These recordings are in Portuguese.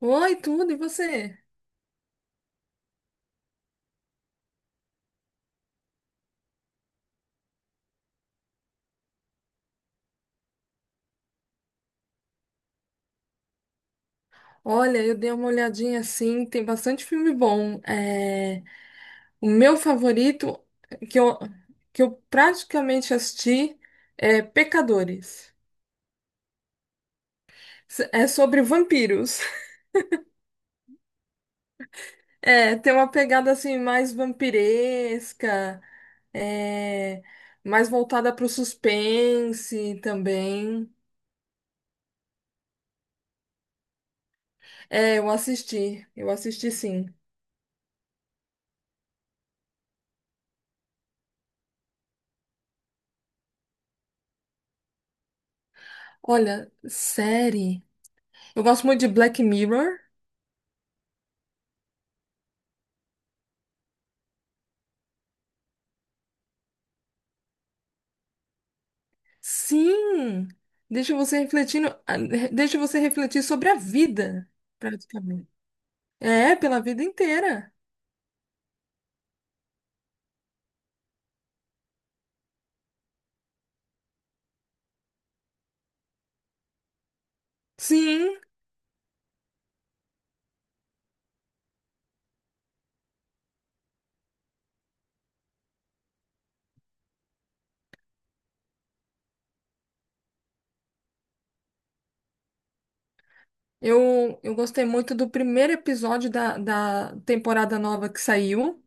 Oi, tudo, e você? Olha, eu dei uma olhadinha assim, tem bastante filme bom. O meu favorito, que eu, que eu praticamente assisti, é Pecadores. É sobre vampiros. É, tem uma pegada assim mais vampiresca, é, mais voltada para o suspense também. Eu assisti, sim. Olha, série. Eu gosto muito de Black Mirror. Sim, deixa você deixa você refletir sobre a vida, praticamente. É, pela vida inteira. Sim, eu gostei muito do primeiro episódio da temporada nova que saiu,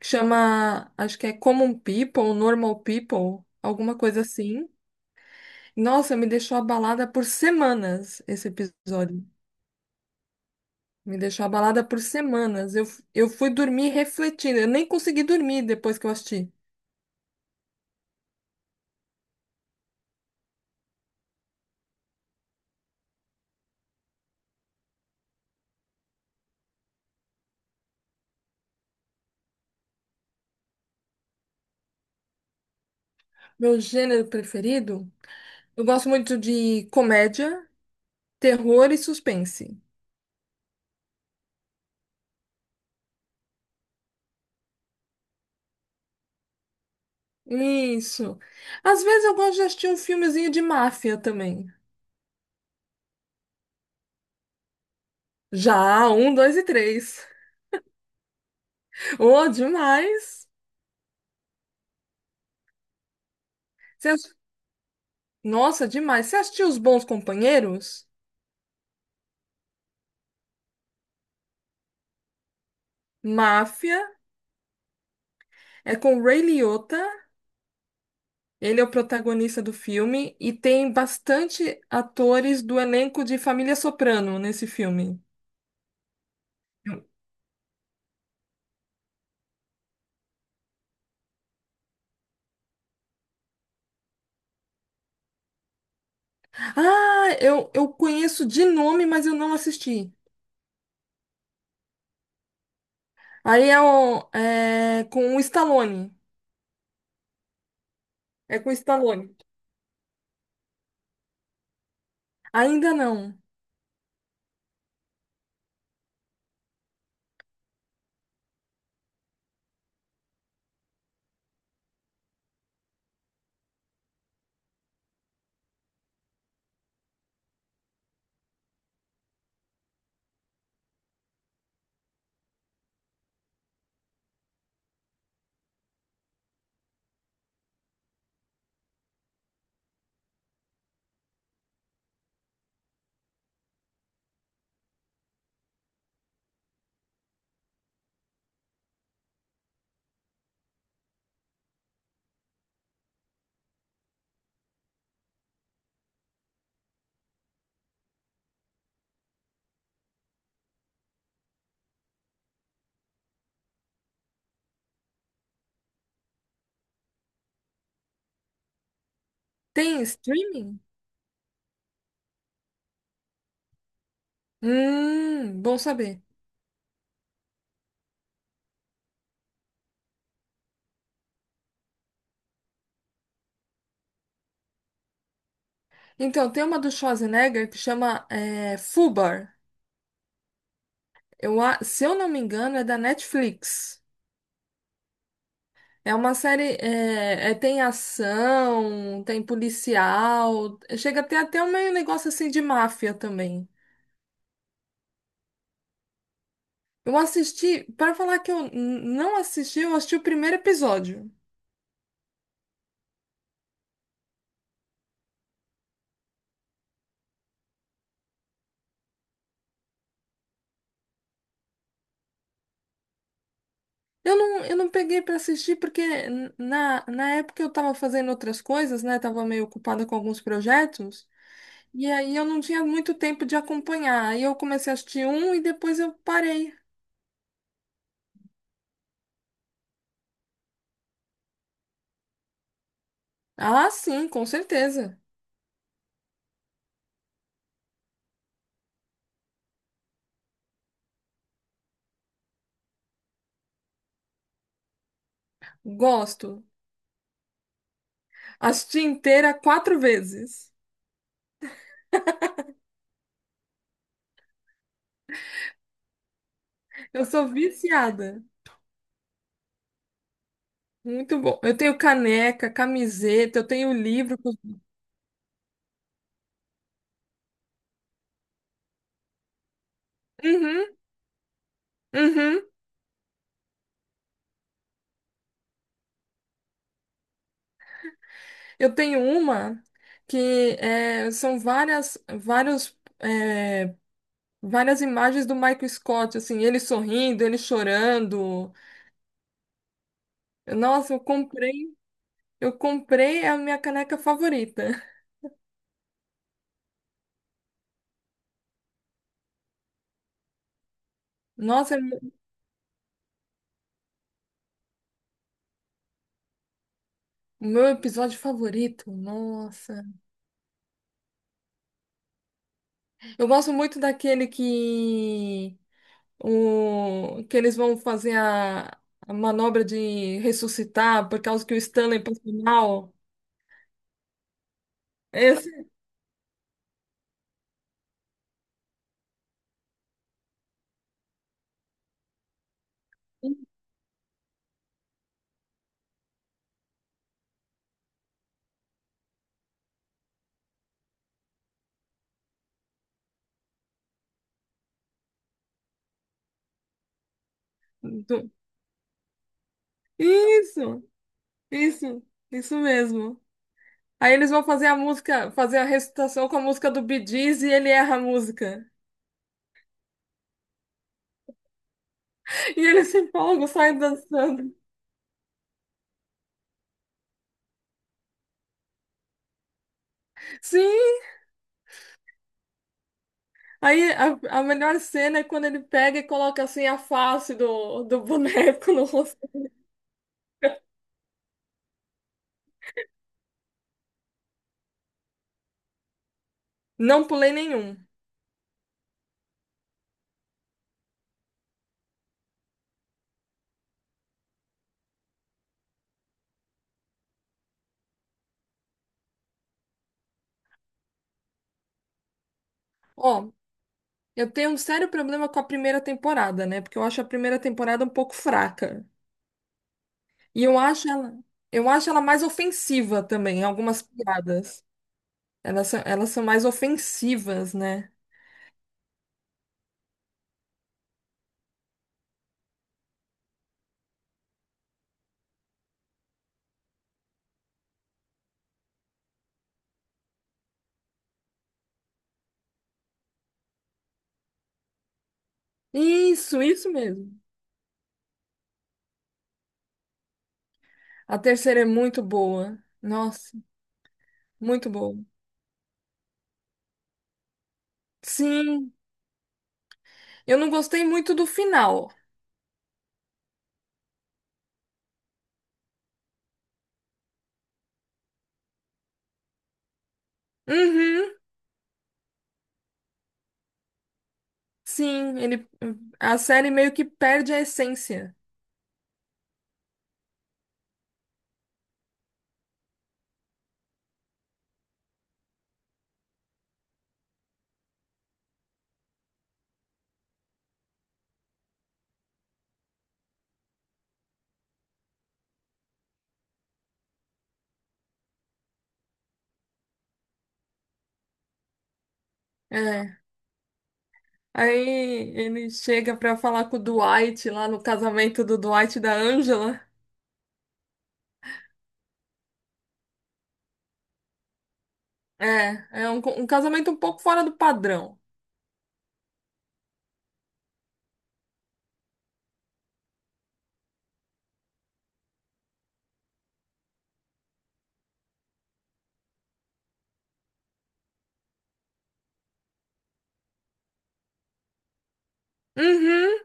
que chama, acho que é Common People, Normal People, alguma coisa assim. Nossa, me deixou abalada por semanas esse episódio. Me deixou abalada por semanas. Eu fui dormir refletindo. Eu nem consegui dormir depois que eu assisti. Meu gênero preferido? Eu gosto muito de comédia, terror e suspense. Isso. Às vezes eu gosto de assistir um filmezinho de máfia também. Já, um, dois e três. Oh, demais! Você ass- Nossa, demais. Você assistiu Os Bons Companheiros? Máfia é com o Ray Liotta. Ele é o protagonista do filme e tem bastante atores do elenco de Família Soprano nesse filme. Ah, eu conheço de nome, mas eu não assisti. É com o Stallone. É com o Stallone. Ainda não. Tem streaming? Bom saber. Então, tem uma do Schwarzenegger que chama Fubar. Se eu não me engano, é da Netflix. É uma série, tem ação, tem policial, chega a ter até um meio negócio assim de máfia também. Eu assisti, para falar que eu não assisti, eu assisti o primeiro episódio. Eu não peguei para assistir porque na época eu tava fazendo outras coisas, né? Tava meio ocupada com alguns projetos. E aí eu não tinha muito tempo de acompanhar. Aí eu comecei a assistir um e depois eu parei. Ah, sim, com certeza. Gosto. Assisti inteira quatro vezes. Eu sou viciada. Muito bom. Eu tenho caneca, camiseta, eu tenho livro. Uhum, uhum. Eu tenho uma que são várias imagens do Michael Scott, assim, ele sorrindo, ele chorando. Nossa, eu comprei a minha caneca favorita. Nossa, é o meu episódio favorito. Nossa. Eu gosto muito daquele que o que eles vão fazer a manobra de ressuscitar por causa que o Stanley passou mal. Esse, é do- isso. Isso, isso mesmo. Aí eles vão fazer a música, fazer a recitação com a música do Bee Gees e ele erra a música. E ele se empolga, sai dançando. Sim! Aí a melhor cena é quando ele pega e coloca assim a face do boneco no rosto. Não pulei nenhum. Ó, eu tenho um sério problema com a primeira temporada, né? Porque eu acho a primeira temporada um pouco fraca. E eu acho ela mais ofensiva também, em algumas piadas. Elas são mais ofensivas, né? Isso mesmo. A terceira é muito boa. Nossa, muito boa. Sim, eu não gostei muito do final. Uhum, sim, a série meio que perde a essência. É. Aí ele chega pra falar com o Dwight lá no casamento do Dwight e da Angela. Um casamento um pouco fora do padrão. Uhum,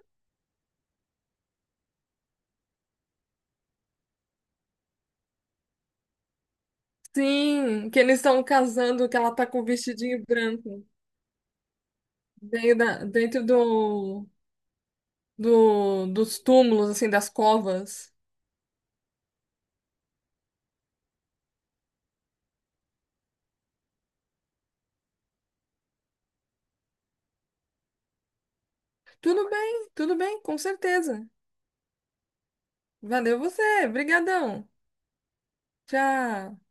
sim, que eles estão casando, que ela tá com o vestidinho branco. Dentro dos túmulos, assim, das covas. Tudo bem, com certeza. Valeu você, brigadão. Tchau.